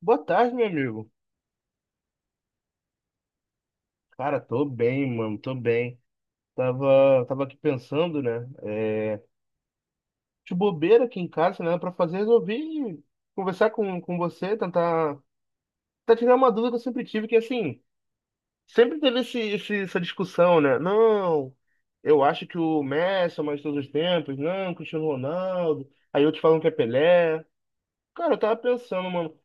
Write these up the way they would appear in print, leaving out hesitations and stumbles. Boa tarde, meu amigo. Cara, tô bem, mano, tô bem. Tava aqui pensando, né? De bobeira aqui em casa, né? Pra fazer, resolvi conversar com você, tentar tirar uma dúvida que eu sempre tive, que assim, sempre teve essa discussão, né? Não, eu acho que o Messi é o mais de todos os tempos, não, Cristiano Ronaldo. Aí outros falam que é Pelé. Cara, eu tava pensando, mano.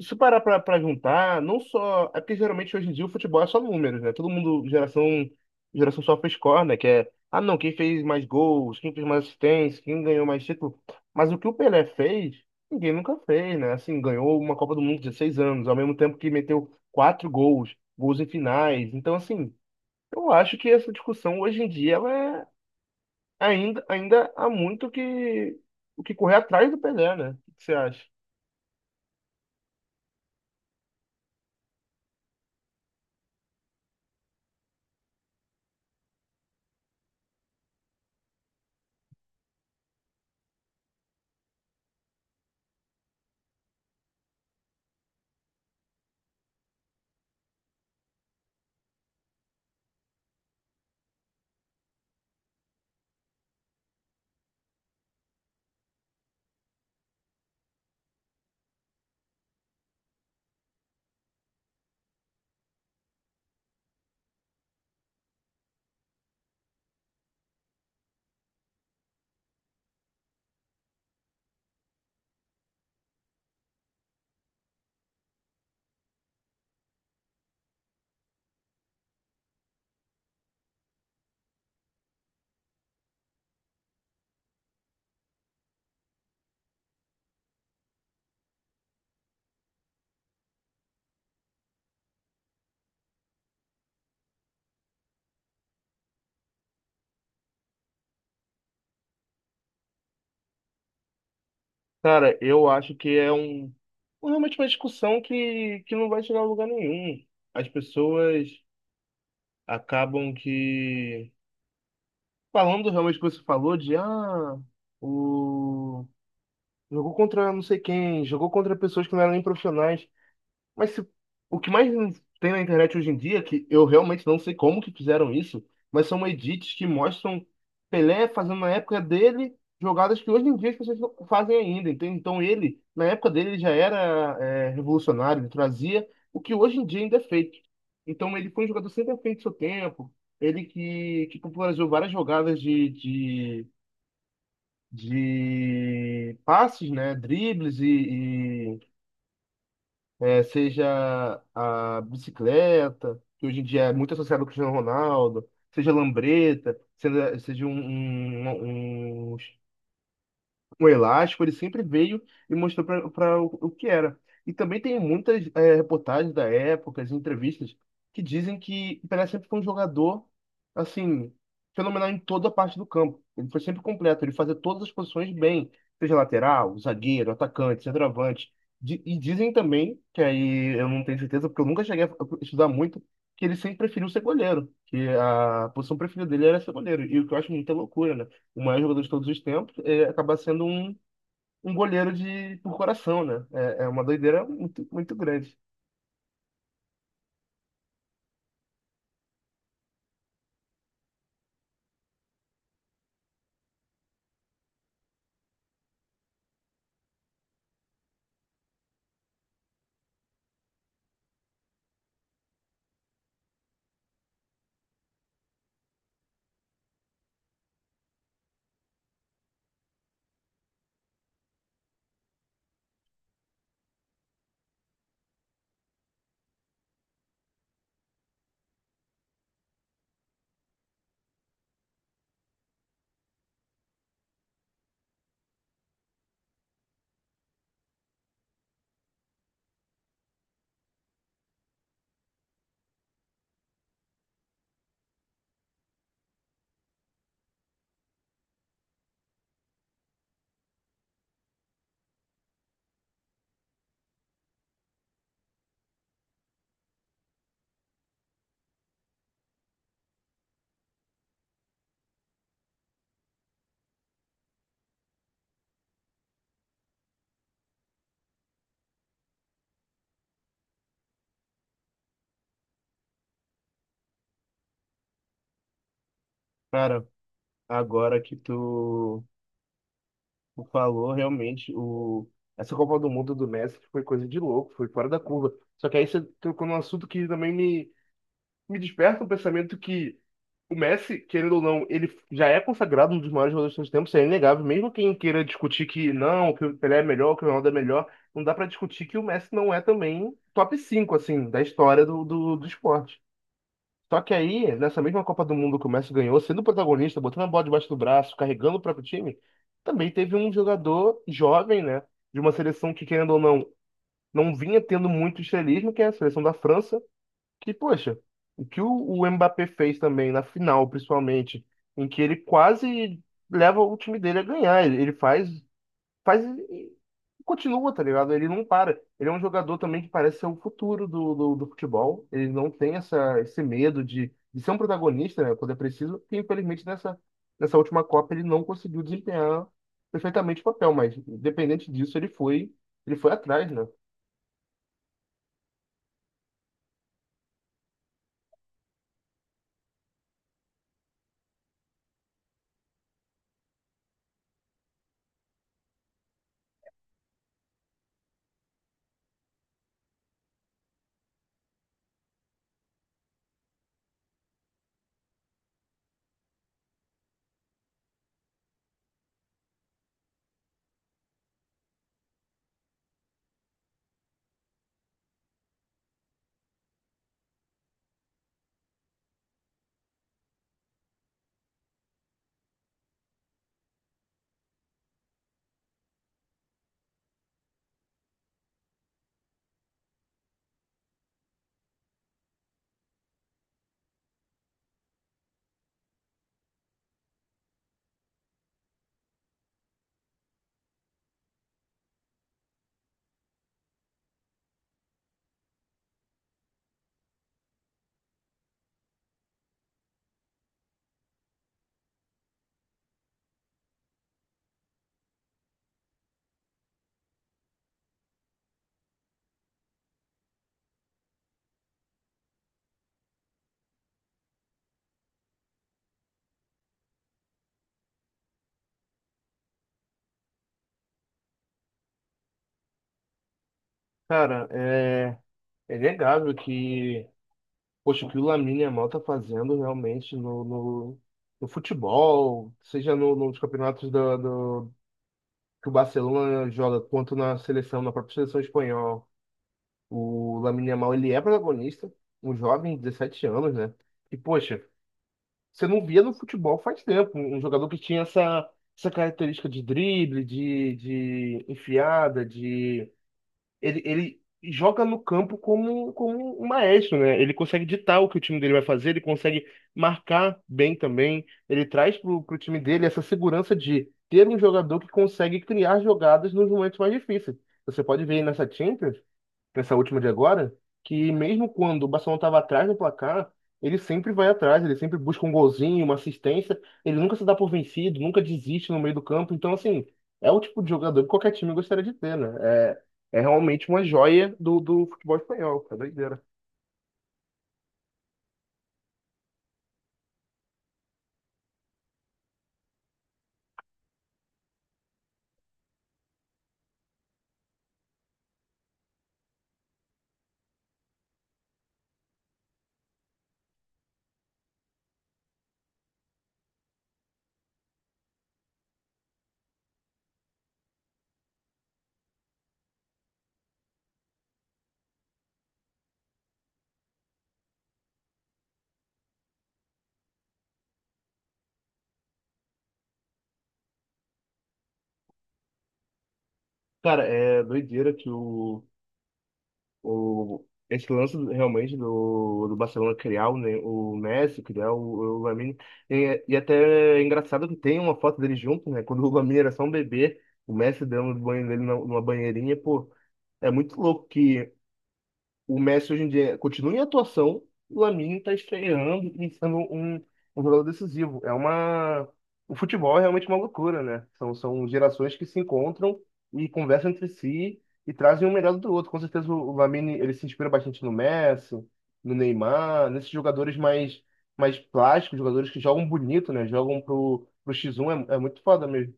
Se tu parar pra juntar, não só. É porque geralmente hoje em dia o futebol é só números, né? Todo mundo, geração sofre score, né? Que é, ah não, quem fez mais gols, quem fez mais assistência, quem ganhou mais título. Mas o que o Pelé fez, ninguém nunca fez, né? Assim, ganhou uma Copa do Mundo com 16 anos, ao mesmo tempo que meteu quatro gols em finais. Então, assim, eu acho que essa discussão hoje em dia, ela é ainda há muito o que correr atrás do Pelé, né? O que você acha? Cara, eu acho que é um, realmente uma discussão que não vai chegar a lugar nenhum. As pessoas acabam que falando realmente o que você falou de ah, o jogou contra não sei quem, jogou contra pessoas que não eram nem profissionais. Mas o que mais tem na internet hoje em dia, que eu realmente não sei como que fizeram isso, mas são edits que mostram Pelé fazendo na época dele jogadas que hoje em dia as pessoas não fazem ainda, entende? Então ele, na época dele, ele já era revolucionário, ele trazia o que hoje em dia ainda é feito. Então ele foi um jogador sempre à frente do seu tempo, ele que popularizou várias jogadas de passes, né? Dribles e seja a bicicleta, que hoje em dia é muito associada ao Cristiano Ronaldo, seja a lambreta, seja um elástico, ele sempre veio e mostrou para o que era. E também tem muitas reportagens da época, as entrevistas, que dizem que o Pelé sempre foi um jogador, assim, fenomenal em toda a parte do campo. Ele foi sempre completo, ele fazia todas as posições bem, seja lateral, zagueiro, atacante, centroavante. E dizem também, que aí eu não tenho certeza, porque eu nunca cheguei a estudar muito, que ele sempre preferiu ser goleiro, que a posição preferida dele era ser goleiro, e o que eu acho muita loucura, né? O maior jogador de todos os tempos, acaba sendo um goleiro de por coração, né? É uma doideira muito, muito grande. Cara, agora que tu falou, realmente, essa Copa do Mundo do Messi foi coisa de louco, foi fora da curva. Só que aí você tocou num assunto que também me desperta um pensamento que o Messi, querendo ou não, ele já é consagrado um dos maiores jogadores de todos os tempos, isso é inegável. Mesmo quem queira discutir que não, que o Pelé é melhor, que o Ronaldo é melhor, não dá pra discutir que o Messi não é também top 5 assim, da história do esporte. Só que aí, nessa mesma Copa do Mundo que o Messi ganhou, sendo protagonista, botando a bola debaixo do braço, carregando o próprio time, também teve um jogador jovem, né, de uma seleção que, querendo ou não, não vinha tendo muito estrelismo, que é a seleção da França, que, poxa, o que o Mbappé fez também, na final, principalmente, em que ele quase leva o time dele a ganhar. Ele faz e continua, tá ligado? Ele não para. Ele é um jogador também que parece ser o futuro do futebol. Ele não tem esse medo de ser um protagonista, né, quando é preciso. E, infelizmente, nessa última Copa, ele não conseguiu desempenhar perfeitamente o papel, mas, independente disso, ele foi atrás, né? Cara, é inegável que. Poxa, o que o Lamine Yamal tá fazendo realmente no futebol, seja no, nos campeonatos do, que o Barcelona joga, quanto na seleção, na própria seleção espanhola. O Lamine Yamal, ele é protagonista, um jovem, 17 anos, né? E, poxa, você não via no futebol faz tempo um jogador que tinha essa característica de drible, de enfiada, ele joga no campo como um maestro, né? Ele consegue ditar o que o time dele vai fazer, ele consegue marcar bem também. Ele traz pro time dele essa segurança de ter um jogador que consegue criar jogadas nos momentos mais difíceis. Você pode ver aí nessa Champions nessa última de agora, que mesmo quando o Barcelona estava atrás do placar, ele sempre vai atrás, ele sempre busca um golzinho, uma assistência, ele nunca se dá por vencido, nunca desiste no meio do campo. Então, assim, é o tipo de jogador que qualquer time gostaria de ter, né? É realmente uma joia do futebol espanhol, é doideira. Cara, é doideira que esse lance realmente do Barcelona criar o Messi, criar o Lamine. E até é engraçado que tem uma foto deles juntos, né? Quando o Lamine era só um bebê, o Messi dando banho dele numa banheirinha, pô. É muito louco que o Messi hoje em dia continua em atuação, o Lamine está estreando e sendo um jogador decisivo. É uma. O futebol é realmente uma loucura, né? São gerações que se encontram e conversam entre si e trazem um melhor do outro. Com certeza o Lamine ele se inspira bastante no Messi, no Neymar, nesses jogadores mais plásticos, jogadores que jogam bonito, né? Jogam pro X1, é muito foda mesmo.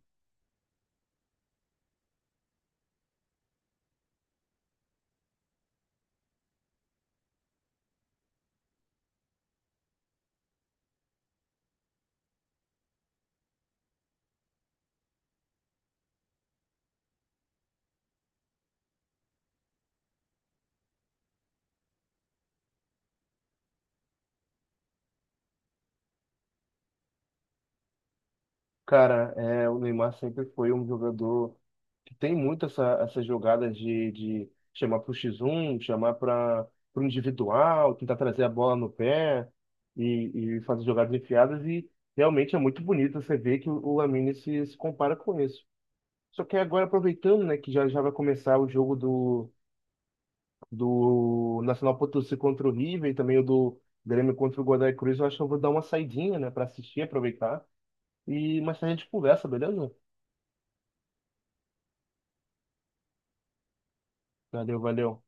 Cara, o Neymar sempre foi um jogador. Tem muito essas jogadas de chamar para o X1, chamar para o individual, tentar trazer a bola no pé e fazer jogadas enfiadas. E realmente é muito bonito você ver que o Lamine se compara com isso. Só que agora, aproveitando, né, que já, já vai começar o jogo do Nacional Potosí contra o River e também o do Grêmio contra o Godoy Cruz, eu acho que eu vou dar uma saidinha, né, para assistir, aproveitar. E mais tarde a gente conversa, beleza? Valeu, valeu.